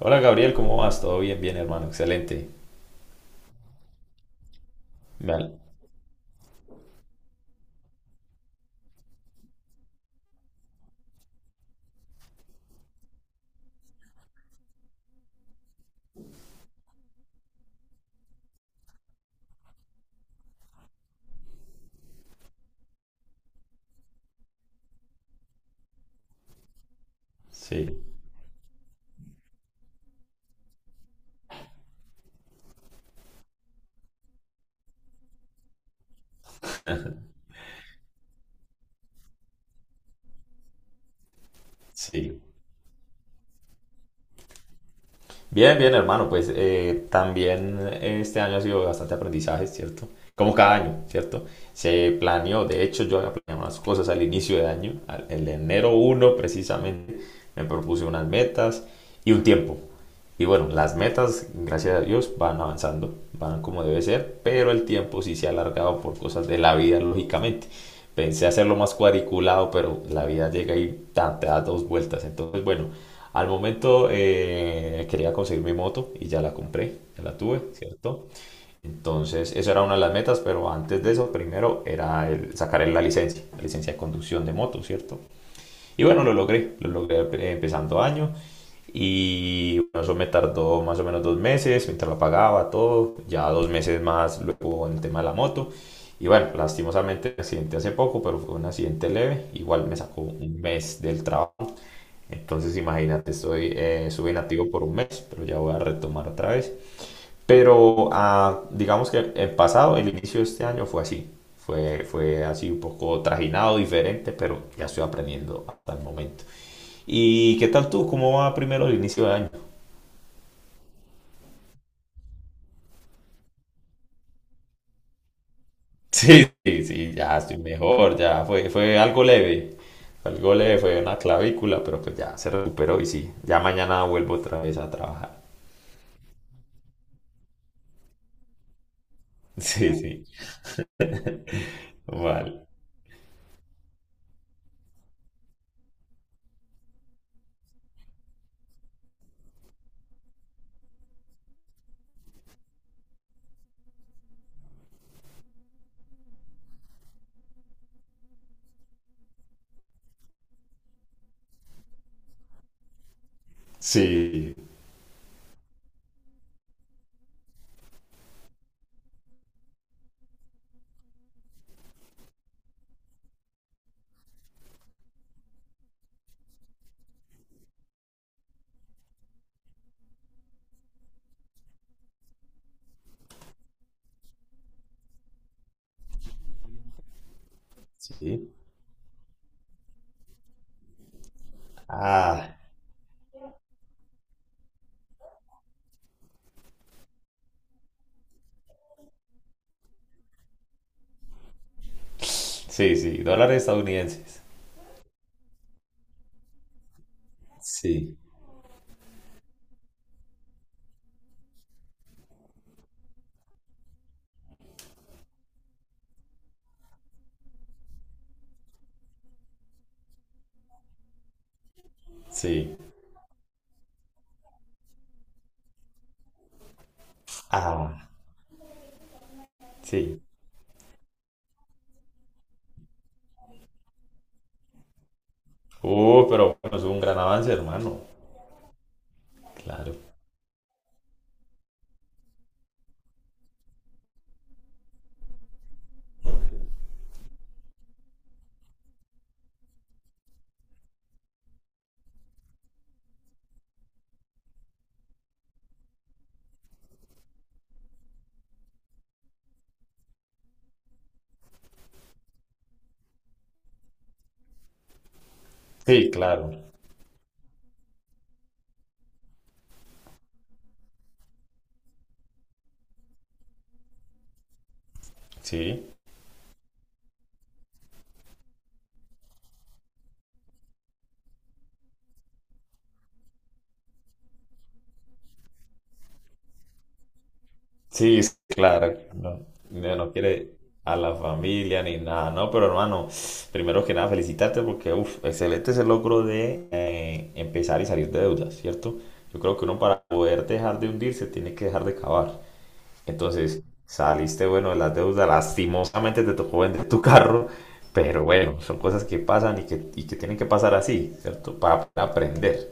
Hola Gabriel, ¿cómo vas? Todo bien, bien hermano, excelente. Vale. Sí, sí. Bien, bien hermano, pues también este año ha sido bastante aprendizaje, ¿cierto? Como cada año, ¿cierto? Se planeó, de hecho yo había planeado unas cosas al inicio de año, el enero 1 precisamente, me propuse unas metas y un tiempo. Y bueno, las metas, gracias a Dios, van avanzando, van como debe ser, pero el tiempo sí se ha alargado por cosas de la vida, lógicamente. Pensé hacerlo más cuadriculado, pero la vida llega y tan, te da dos vueltas. Entonces, bueno, al momento quería conseguir mi moto y ya la compré, ya la tuve, ¿cierto? Entonces, eso era una de las metas, pero antes de eso, primero era sacar la licencia de conducción de moto, ¿cierto? Y bueno, lo logré empezando año. Y bueno, eso me tardó más o menos 2 meses, mientras lo pagaba todo, ya 2 meses más luego en el tema de la moto. Y bueno, lastimosamente el accidente hace poco, pero fue un accidente leve, igual me sacó un mes del trabajo. Entonces imagínate, estuve inactivo por un mes, pero ya voy a retomar otra vez. Pero digamos que el pasado, el inicio de este año fue así, fue así un poco trajinado, diferente, pero ya estoy aprendiendo hasta el momento. ¿Y qué tal tú? ¿Cómo va primero el inicio de año? Sí, sí, sí, ya estoy mejor, ya fue algo leve, fue algo leve, fue una clavícula, pero pues ya se recuperó y sí, ya mañana vuelvo otra vez a trabajar. Sí, sí, vale, sí, sí, ah, sí, sí, dólares estadounidenses, sí, sí, ah, sí, pero bueno, es un gran avance, hermano, claro, sí, claro, sí. Sí, sí, claro, no, no quiere a la familia ni nada, no, pero hermano, primero que nada felicitarte porque, uff, excelente ese logro de empezar y salir de deudas, ¿cierto? Yo creo que uno para poder dejar de hundirse tiene que dejar de cavar. Entonces, saliste bueno de las deudas, lastimosamente te tocó vender tu carro, pero bueno, son cosas que pasan y que tienen que pasar así, ¿cierto? Para aprender.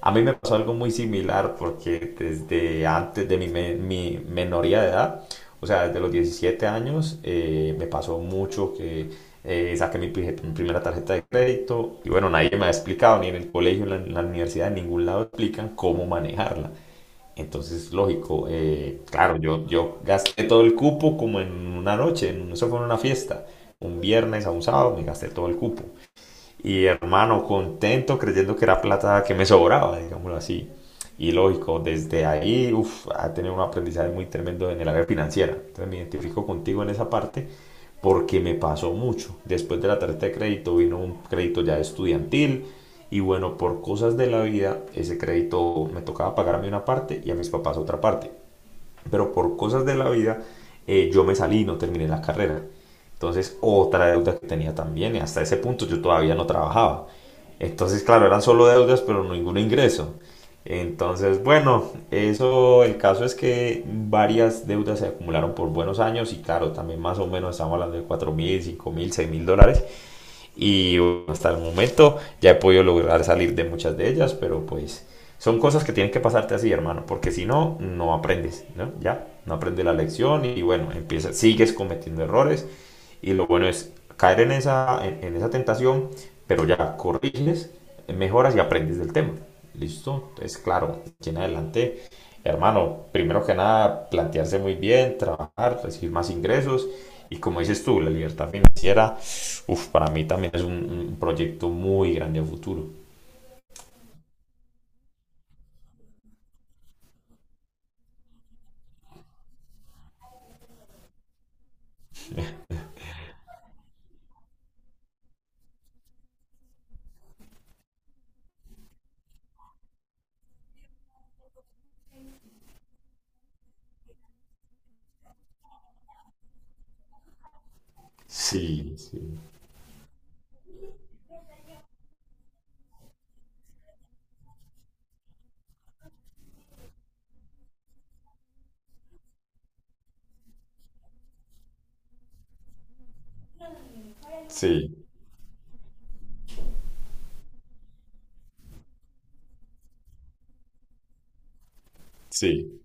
A mí me pasó algo muy similar porque desde antes de mi menoría de edad, o sea, desde los 17 años, me pasó mucho que saqué mi primera tarjeta de crédito y bueno, nadie me ha explicado, ni en el colegio, ni en la universidad, en ningún lado explican cómo manejarla. Entonces, lógico, claro, yo gasté todo el cupo como en una noche, eso fue en una fiesta. Un viernes a un sábado me gasté todo el cupo. Y hermano, contento creyendo que era plata que me sobraba, digámoslo así. Y lógico, desde ahí uf, ha tenido un aprendizaje muy tremendo en el área financiera. Entonces me identifico contigo en esa parte porque me pasó mucho. Después de la tarjeta de crédito vino un crédito ya estudiantil y bueno, por cosas de la vida, ese crédito me tocaba pagarme una parte y a mis papás otra parte pero por cosas de la vida yo me salí y no terminé la carrera. Entonces, otra deuda que tenía también, y hasta ese punto yo todavía no trabajaba. Entonces, claro, eran solo deudas, pero ningún ingreso. Entonces, bueno, eso, el caso es que varias deudas se acumularon por buenos años y claro, también más o menos estamos hablando de 4.000, 5.000, 6.000 dólares y bueno, hasta el momento ya he podido lograr salir de muchas de ellas, pero pues son cosas que tienen que pasarte así, hermano, porque si no, no aprendes, ¿no? Ya, no aprendes la lección y bueno, empiezas, sigues cometiendo errores y lo bueno es caer en esa tentación, pero ya corriges, mejoras y aprendes del tema. ¿Listo? Entonces, claro, aquí en adelante, hermano, primero que nada, plantearse muy bien, trabajar, recibir más ingresos y como dices tú, la libertad financiera. Uf, para mí también es un proyecto muy grande a futuro. Sí, sí, sí, sí,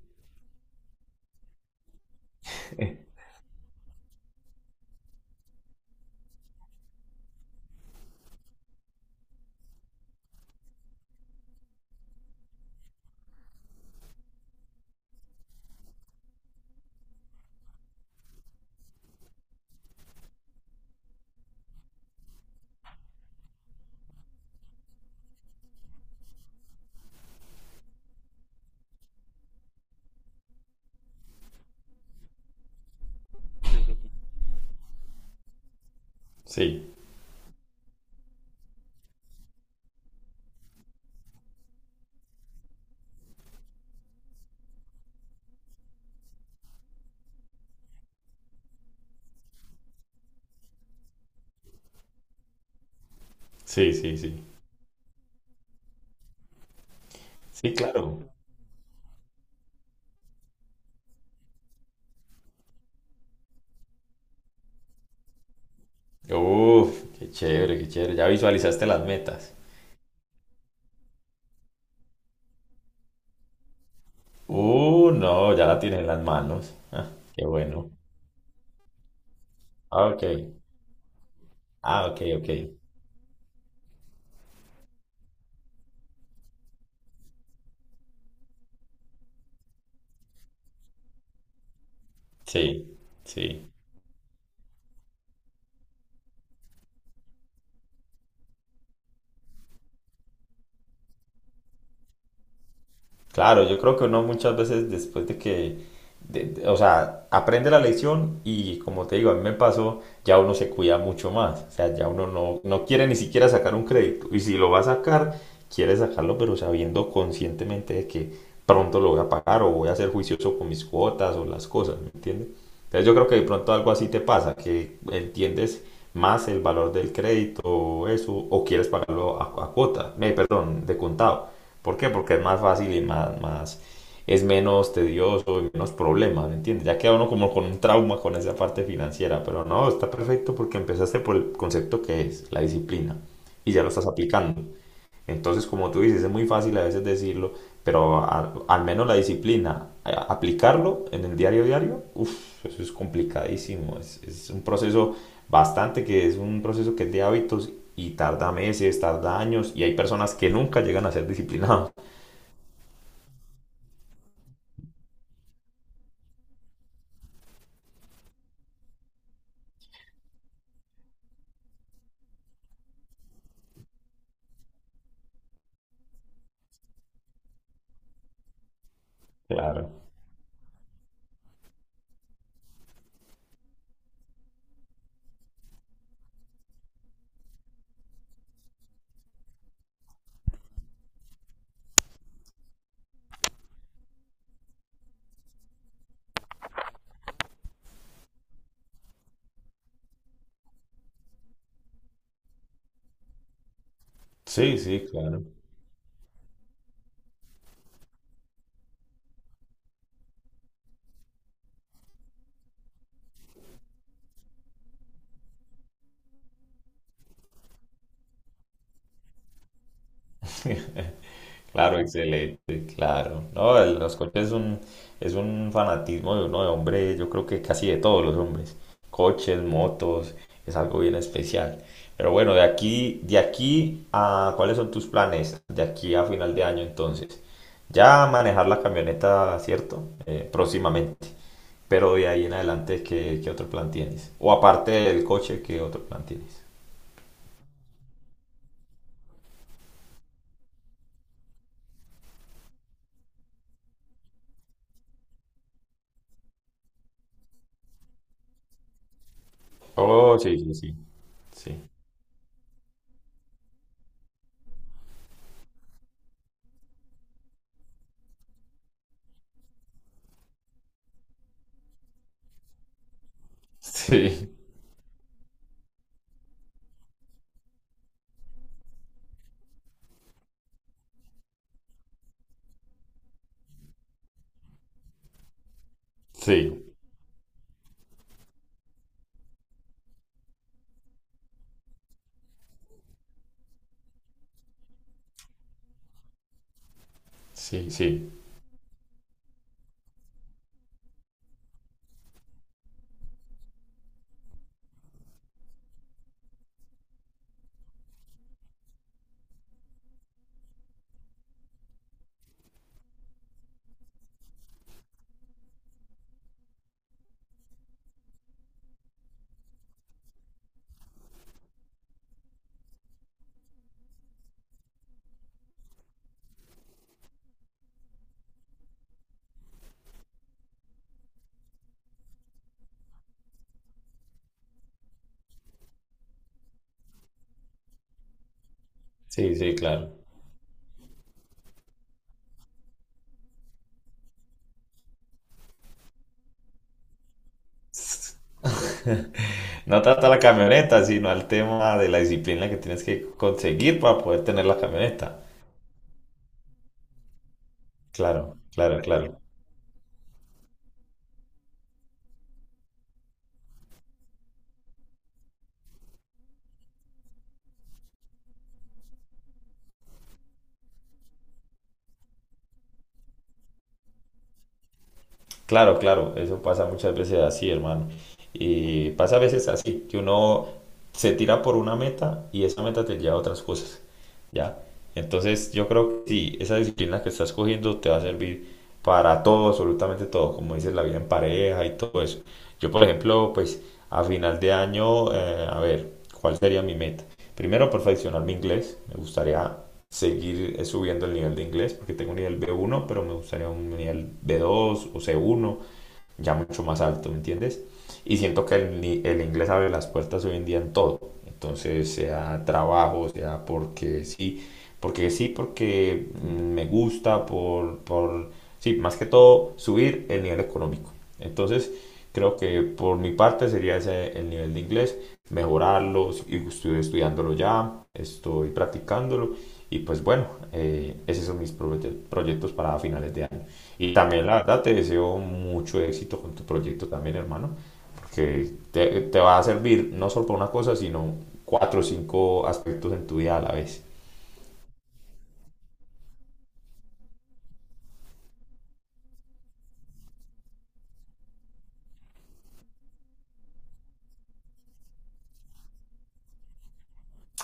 sí, sí, sí, sí. Sí, claro. Uf, qué chévere, qué chévere. Ya visualizaste las metas. No, ya la tienes en las manos. Ah, qué bueno. Ah, ok. Ah, ok, ok. Sí, sí. Claro, yo creo que uno muchas veces después de que, o sea, aprende la lección y como te digo, a mí me pasó, ya uno se cuida mucho más, o sea, ya uno no, quiere ni siquiera sacar un crédito y si lo va a sacar, quiere sacarlo pero sabiendo conscientemente de que pronto lo voy a pagar o voy a ser juicioso con mis cuotas o las cosas, ¿me entiendes? Entonces yo creo que de pronto algo así te pasa, que entiendes más el valor del crédito o eso, o quieres pagarlo a cuota, perdón, de contado. ¿Por qué? Porque es más fácil y más, es menos tedioso y menos problema, ¿me entiendes? Ya queda uno como con un trauma con esa parte financiera, pero no, está perfecto porque empezaste por el concepto que es, la disciplina, y ya lo estás aplicando. Entonces, como tú dices, es muy fácil a veces decirlo, pero al menos la disciplina, aplicarlo en el diario diario, uff, eso es complicadísimo. Es un proceso bastante que es un proceso que es de hábitos y tarda meses, tarda años y hay personas que nunca llegan a ser disciplinados. Claro. Sí, sí, claro. Claro, excelente, claro. No, los coches es un fanatismo de uno de hombre, yo creo que casi de todos los hombres. Coches, motos, es algo bien especial. Pero bueno, de aquí a, ¿cuáles son tus planes? De aquí a final de año, entonces. Ya manejar la camioneta, ¿cierto? Próximamente. Pero de ahí en adelante, ¿qué otro plan tienes? O aparte del coche, ¿qué otro plan tienes? Oh, sí, sí, sí. Sí. Sí, sí, sí, sí. Sí, sí, claro. No trata la camioneta, sino al tema de la disciplina que tienes que conseguir para poder tener la camioneta. Claro, claro, claro. Claro, claro, eso pasa muchas veces así, hermano. Y pasa a veces así, que uno se tira por una meta y esa meta te lleva a otras cosas, ¿ya? Entonces yo creo que sí, esa disciplina que estás cogiendo te va a servir para todo, absolutamente todo, como dices, la vida en pareja y todo eso. Yo, por ejemplo, pues a final de año, a ver, ¿cuál sería mi meta? Primero, perfeccionar mi inglés, me gustaría seguir subiendo el nivel de inglés, porque tengo un nivel B1, pero me gustaría un nivel B2 o C1, ya mucho más alto, ¿me entiendes? Y siento que el inglés abre las puertas hoy en día en todo. Entonces, sea trabajo, sea porque sí, porque sí, porque me gusta, sí, más que todo, subir el nivel económico. Entonces, creo que por mi parte sería ese el nivel de inglés, mejorarlo, y estoy estudiándolo ya, estoy practicándolo y pues bueno, esos son mis proyectos para finales de año. Y también la verdad te deseo mucho éxito con tu proyecto también, hermano, porque te va a servir no solo para una cosa, sino cuatro o cinco aspectos en tu vida a la vez.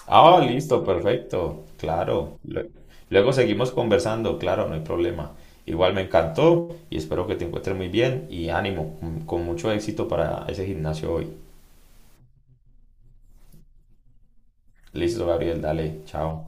Ah, listo, perfecto, claro. Luego seguimos conversando, claro, no hay problema. Igual me encantó y espero que te encuentres muy bien y ánimo, con mucho éxito para ese gimnasio hoy. Listo, Gabriel, dale, chao.